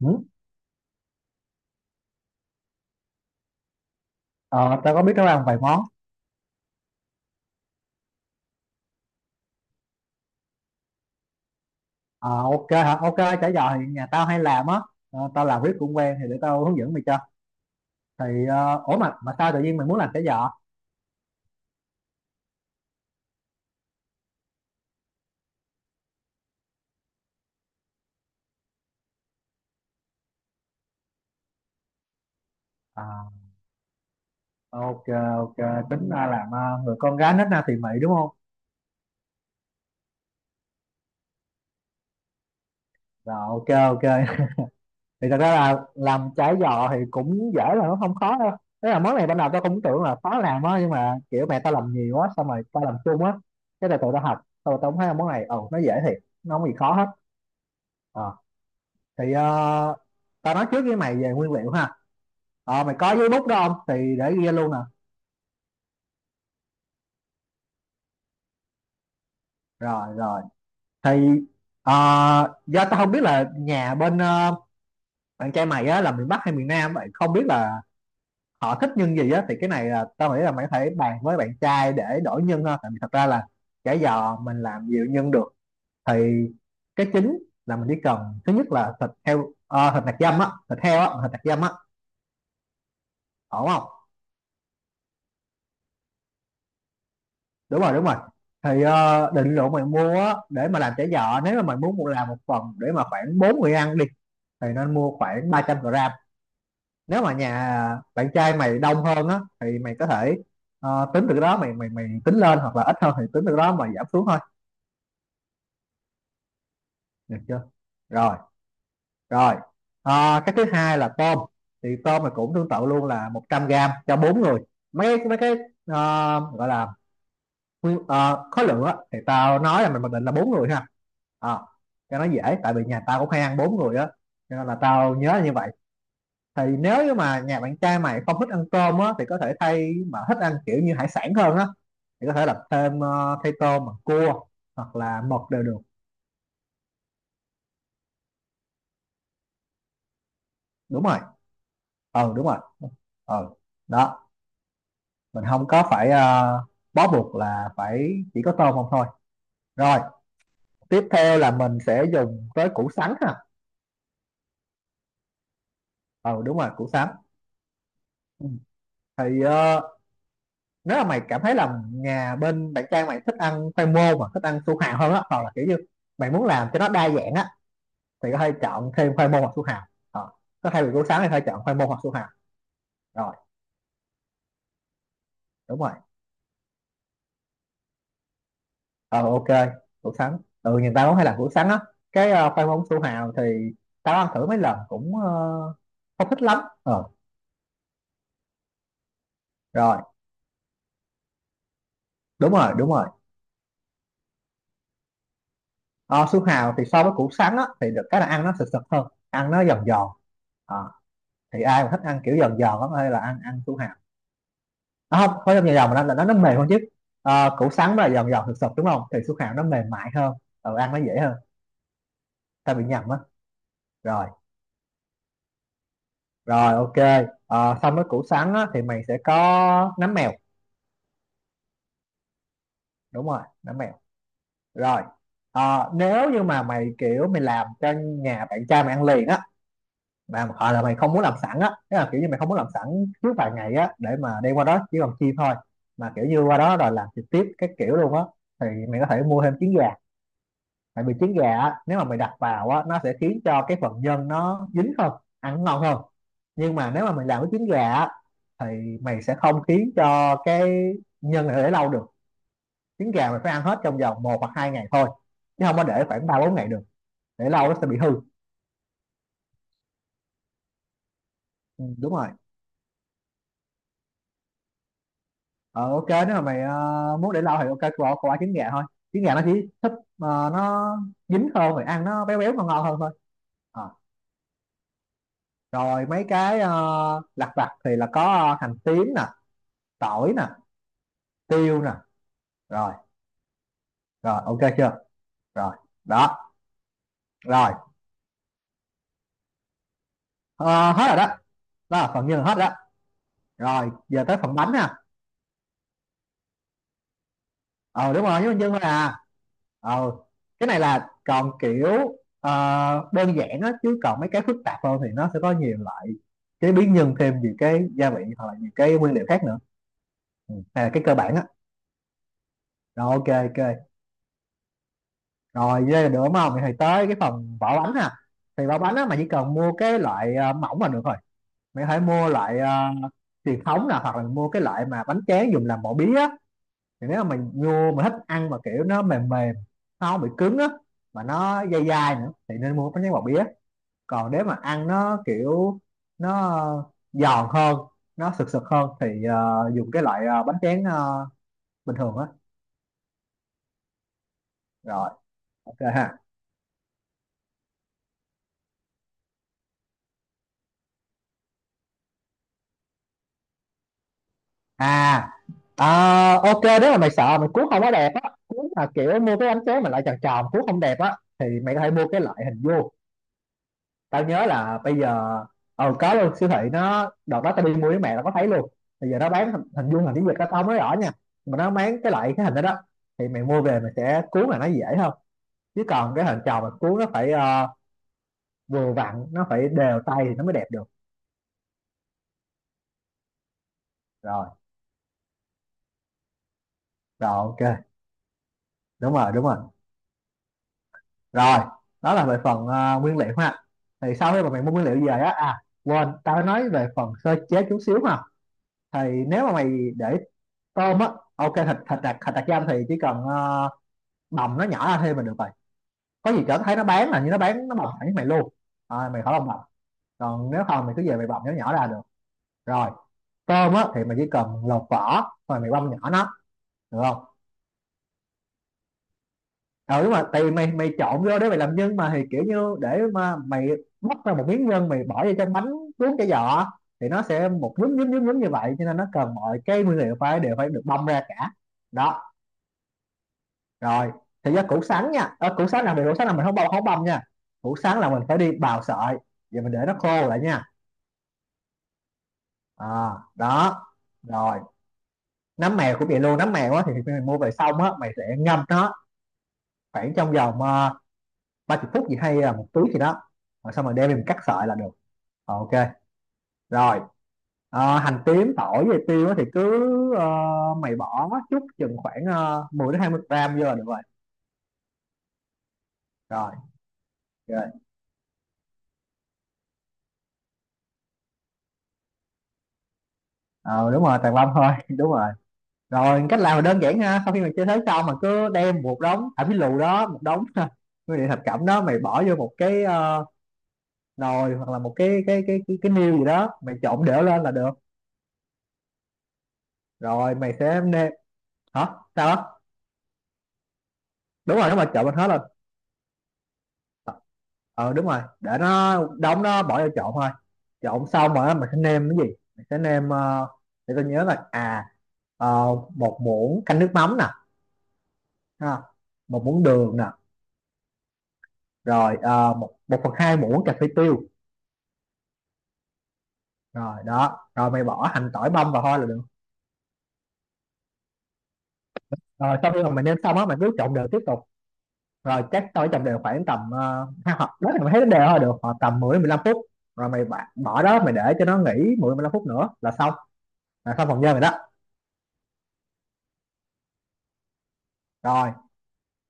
Ừ. Ờ, Tao có biết nấu ăn vài món. Ờ, ok hả, ok. Chả giò thì nhà tao hay làm á. Tao làm riết cũng quen, thì để tao hướng dẫn mày cho. Thì ủa, mà sao tự nhiên mày muốn làm chả giò? À, ok, ok. Tính ra làm người con gái nết na thì mị đúng không? Rồi, ok, ok. Thì thật ra là làm chả giò thì cũng dễ, là nó không khó đâu. Tức là món này ban đầu tao cũng tưởng là khó làm á, nhưng mà kiểu mẹ tao làm nhiều quá, xong rồi tao làm chung á. Cái là tụi tao học, xong tao cũng thấy là món này, ừ, nó dễ thiệt. Nó không gì khó hết. Ờ, thì tao nói trước với mày về nguyên liệu ha. Mày có giấy bút đó không, thì để ghi luôn nè. Rồi, rồi. Thì ờ, do tao không biết là nhà bên bạn trai mày á là miền Bắc hay miền Nam, vậy không biết là họ thích nhân gì á, thì cái này là tao nghĩ là mày có thể bàn với bạn trai để đổi nhân ha, tại vì thật ra là chả giò mình làm nhiều nhân được. Thì cái chính là mình chỉ cần, thứ nhất là thịt heo, thịt nạc dăm á, thịt heo á, thịt nạc dăm á. Ổn không? Đúng rồi, đúng rồi. Thì định lượng mày mua á để mà làm chả giò, nếu mà mày muốn mua làm một phần để mà khoảng bốn người ăn đi, thì nên mua khoảng 300 gram. Nếu mà nhà bạn trai mày đông hơn á thì mày có thể tính từ cái đó mày mày mày tính lên, hoặc là ít hơn thì tính từ cái đó mày giảm xuống thôi. Được chưa? Rồi, rồi. Cái thứ hai là tôm. Thì tôm mày cũng tương tự luôn, là 100 gram cho bốn người. Mấy cái ờ, gọi là khối lượng á, thì tao nói là mình định là bốn người ha. À, cho nó dễ, tại vì nhà tao cũng hay ăn bốn người á, cho nên là tao nhớ như vậy. Thì nếu như mà nhà bạn trai mày không thích ăn tôm á, thì có thể thay, mà thích ăn kiểu như hải sản hơn á, thì có thể làm thêm, thay tôm bằng cua hoặc là mực đều được. Đúng rồi. Ừ, đúng rồi. Ừ. Đó, mình không có phải bó buộc là phải chỉ có tôm không thôi. Rồi. Tiếp theo là mình sẽ dùng tới củ sắn ha. Ừ, đúng rồi, củ sắn. Ừ. Thì nếu mà mày cảm thấy là nhà bên bạn trai mày thích ăn khoai môn, mà thích ăn su hào hơn á, hoặc là kiểu như mày muốn làm cho nó đa dạng á, thì có thể chọn thêm khoai môn hoặc su hào. Ờ, có thay vì củ sắn thì có thể chọn khoai môn hoặc su hào. Rồi, đúng rồi. Ờ ok, củ sắn, ừ, nhìn tao cũng hay làm củ sắn á. Cái khoai môn, su hào thì tao ăn thử mấy lần cũng không thích lắm. ờ Rồi, đúng rồi, đúng rồi. Ờ, Su hào thì so với củ sắn á thì được cái là ăn nó sực sực hơn, ăn nó giòn giòn. Ờ, thì ai mà thích ăn kiểu giòn giòn lắm, hay là ăn ăn su hào. Nó không khối dòng dài dòng, mà nó là nó mềm hơn chứ. Củ sắn mà giòn giòn thực sụp đúng không, thì su hào nó mềm mại hơn. Ừ, ăn nó dễ hơn. Ta bị nhầm á. Rồi, rồi, ok. Ờ, Xong với củ sắn á, thì mày sẽ có nấm mèo. Đúng rồi, nấm mèo. Rồi. Nếu như mà mày kiểu mày làm cho nhà bạn trai mày ăn liền á, mà hoặc là mày không muốn làm sẵn á, tức là kiểu như mày không muốn làm sẵn trước vài ngày á để mà đem qua đó chỉ còn chiên thôi, mà kiểu như qua đó rồi làm trực tiếp cái kiểu luôn á, thì mày có thể mua thêm trứng gà. Tại vì trứng gà á, nếu mà mày đặt vào á nó sẽ khiến cho cái phần nhân nó dính hơn, ăn ngon hơn. Nhưng mà nếu mà mình làm với trứng gà á, thì mày sẽ không khiến cho cái nhân này để lâu được. Trứng gà mày phải ăn hết trong vòng một hoặc hai ngày thôi, chứ không có để khoảng ba bốn ngày được. Để lâu nó sẽ bị hư. Ừ, đúng rồi. Ờ, ok, nếu mà mày muốn để lâu thì ok, cô bỏ trứng gà thôi. Trứng gà nó chỉ thích nó dính hơn, rồi ăn nó béo béo ngon ngon hơn thôi. Ờ, Rồi mấy cái lặt vặt thì là có hành tím nè, tỏi nè, tiêu nè. Rồi, rồi, ok chưa? Rồi. Đó. Rồi Ờ, Hết rồi đó. Đó là phần nhân hết đó. Rồi giờ tới phần bánh nè. Ờ Đúng rồi, với nhân thôi à. ờ cái này là còn kiểu đơn giản á, chứ còn mấy cái phức tạp hơn thì nó sẽ có nhiều loại chế biến nhân, thêm nhiều cái gia vị hoặc là nhiều cái nguyên liệu khác nữa. Ừ. Này là cái cơ bản á. Rồi, ok, ok. Rồi đây là được đúng không, thì tới cái phần vỏ bánh nè. Thì vỏ bánh á mà chỉ cần mua cái loại mỏng là được rồi. Mày hãy mua loại truyền thống nè, hoặc là mua cái loại mà bánh tráng dùng làm mổ bía á. Thì nếu mà mình mua mà thích ăn mà kiểu nó mềm mềm, nó không bị cứng á, mà nó dai dai nữa thì nên mua bánh tráng bò bía. Còn nếu mà ăn nó kiểu nó giòn hơn, nó sực sực hơn, thì dùng cái loại bánh tráng bình thường á. Rồi, ok ha. À, ờ, ok, nếu mà mày sợ mày cuốn không có đẹp á, cuốn mà kiểu mua cái bánh tráng mà lại tròn tròn cuốn không đẹp á, thì mày có thể mua cái loại hình vuông. Tao nhớ là bây giờ có luôn, siêu thị nó đợt đó tao đi mua với mẹ là có thấy luôn. Bây giờ nó bán hình vuông, hình tiếng Việt đó tao không nói rõ nha, mà nó bán cái loại cái hình đó đó. Thì mày mua về, mày sẽ cuốn là nó dễ hơn. Chứ còn cái hình tròn mà cuốn nó phải vừa vặn, nó phải đều tay thì nó mới đẹp được. Rồi, rồi, ok. Đúng rồi, đúng rồi. Rồi. Đó là về phần nguyên liệu ha. Thì sau khi mà mày mua nguyên liệu về á, à quên, tao nói về phần sơ chế chút xíu ha. Thì nếu mà mày để tôm á, ok, thịt thịt đặc, thịt đặc giam thì chỉ cần đồng nó nhỏ ra thêm là được rồi. Có gì trở thấy nó bán là như nó bán nó bọc thẳng với mày luôn. À, mày khỏi lòng bọc. Còn nếu không mày cứ về mày bọc nó nhỏ ra được. Rồi. Tôm á thì mày chỉ cần lột vỏ rồi mày băm nhỏ nó. Được không? Ừ, đúng rồi, tại vì mày mày trộn vô để mày làm nhân mà, thì kiểu như để mà mày bóc ra một miếng nhân, mày bỏ vô trong bánh cuốn cái giò, thì nó sẽ một nhúm nhúm nhúm nhúm như vậy, cho nên nó cần mọi cái nguyên liệu phải đều phải được băm ra cả. Đó. Rồi. Thì ra củ sắn nha, à, củ sắn làm việc, củ sắn là mình không băm nha. Củ sắn là mình phải đi bào sợi. Vậy mình để nó khô lại nha. À, đó. Rồi. Nấm mèo cũng vậy luôn, nấm mèo á thì khi mình mua về xong á, mày sẽ ngâm nó khoảng trong vòng 30 phút gì hay là một tiếng gì đó. Rồi xong rồi đem mình cắt sợi là được. Ok, rồi. Hành tím, tỏi với tiêu á thì cứ ờ, mày bỏ chút chừng khoảng 10 đến 20 gram vô là được rồi. Rồi, ok. Ờ Đúng rồi, tàn lâm thôi đúng rồi. Rồi cách làm là đơn giản ha, sau khi mà chơi thế xong mà cứ đem một đống thảm phím lù đó, một đống nguyên liệu thập cẩm đó mày bỏ vô một nồi hoặc là một cái niêu gì đó, mày trộn đều lên là được. Rồi mày sẽ nêm. Hả? Sao đó? Đúng rồi, nếu mà trộn lên hết rồi. Ờ đúng rồi, để nó đóng nó bỏ vô trộn thôi. Trộn xong rồi á, mày sẽ nêm cái gì? Mày sẽ nêm, để tôi nhớ là à ờ, một muỗng canh nước mắm nè, ha. Một muỗng đường nè, rồi một một phần hai muỗng cà phê tiêu. Rồi đó, rồi mày bỏ hành tỏi băm vào thôi là được. Rồi sau khi mà mình nêm xong á, mình cứ trộn đều tiếp tục. Rồi chắc tỏi trộn đều khoảng tầm hai hoặc đó là mày thấy nó đều thôi được, hoặc tầm 10 đến 15 phút. Rồi mày bỏ đó, mày để cho nó nghỉ 10 đến 15 phút nữa là xong, là xong phần nhân rồi đó. Rồi,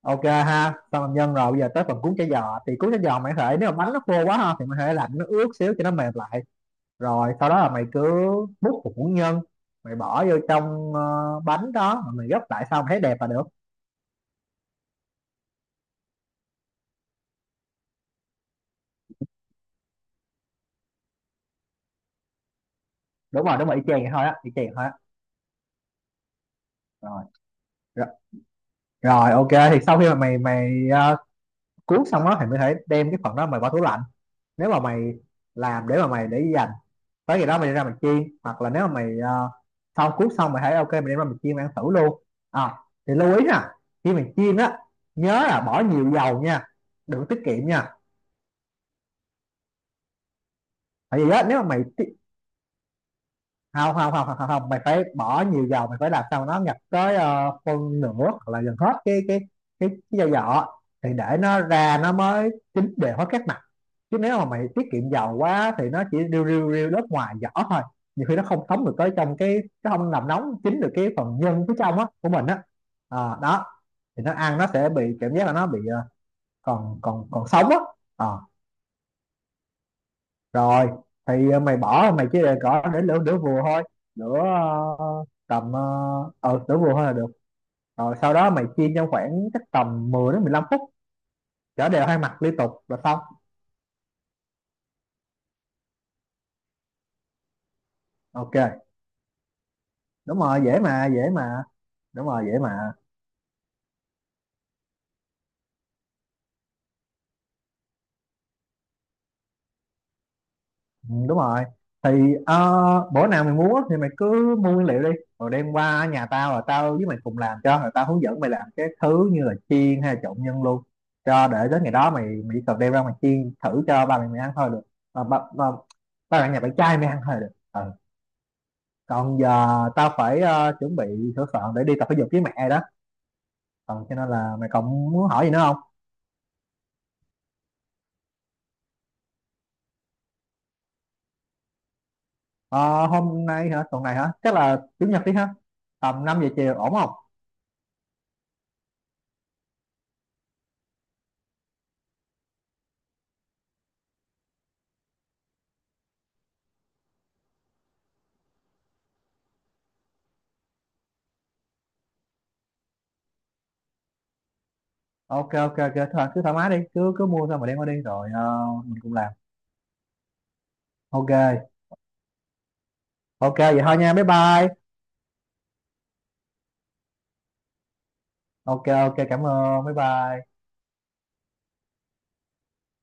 ok ha, xong phần nhân rồi. Bây giờ tới phần cuốn chả giò, thì cuốn chả giò mày có thể, nếu mà bánh nó khô quá ha thì mày có thể lạnh nó ướt xíu cho nó mềm lại. Rồi sau đó là mày cứ múc một muỗng nhân, mày bỏ vô trong bánh đó, mà mày gấp lại xong thấy đẹp là được. Đúng rồi đúng rồi, y chang vậy thôi á, y chang vậy thôi á. Rồi. Rồi. Rồi, ok, thì sau khi mà mày mày ờ, cuốn xong đó thì mới thể đem cái phần đó mày bỏ tủ lạnh, nếu mà mày làm để mà mày để dành, tới ngày đó mày đem ra mày chiên. Hoặc là nếu mà mày, sau cuốn xong mày thấy ok, mày đem ra mày chiên mày ăn thử luôn. À, thì lưu ý nha, khi mày chiên á, nhớ là bỏ nhiều dầu nha, đừng tiết kiệm nha. Tại vì á, nếu mà không không không không không, mày phải bỏ nhiều dầu, mày phải làm sao nó ngập tới ờ, phân nửa hoặc là gần hết cái dầu vỏ, thì để nó ra nó mới chín đều hết các mặt. Chứ nếu mà mày tiết kiệm dầu quá thì nó chỉ riu riu riu lớp ngoài vỏ thôi, nhiều khi nó không thấm được tới trong cái, nó không làm nóng chín được cái phần nhân phía trong á của mình á. Ờ, đó, thì nó ăn nó sẽ bị cảm giác là nó bị còn còn còn sống á. Ờ, rồi thì mày bỏ, mày chỉ để cỏ để lửa đửa vừa thôi, lửa đửa vừa thôi là được. Rồi sau đó mày chiên trong khoảng chắc tầm 10 đến 15 phút, chở đều hai mặt liên tục là xong. Ok, đúng rồi, dễ mà dễ mà, đúng rồi dễ mà. Ừ, đúng rồi, thì bữa nào mày muốn á thì mày cứ mua nguyên liệu đi, rồi đem qua nhà tao, rồi tao với mày cùng làm cho, rồi tao hướng dẫn mày làm cái thứ như là chiên hay là trộn nhân luôn cho, để đến ngày đó mày mày chỉ cần đem ra mày chiên thử cho ba mày mày ăn thôi được. à, ba, ba, Ba bạn, nhà bạn trai mày ăn thôi được, ừ. Còn giờ tao phải chuẩn bị sửa soạn để đi tập thể dục với mẹ đó, ừ, cho nên là mày còn muốn hỏi gì nữa không? Ờ, hôm nay hả, tuần này hả, chắc là chủ nhật đi ha, tầm 5 giờ chiều ổn không? Ok ok ok, thôi cứ thoải mái đi, cứ cứ mua xong rồi đem qua đi, rồi mình cùng làm. Ok ok vậy thôi nha, bye bye. Ok ok cảm ơn, bye bye.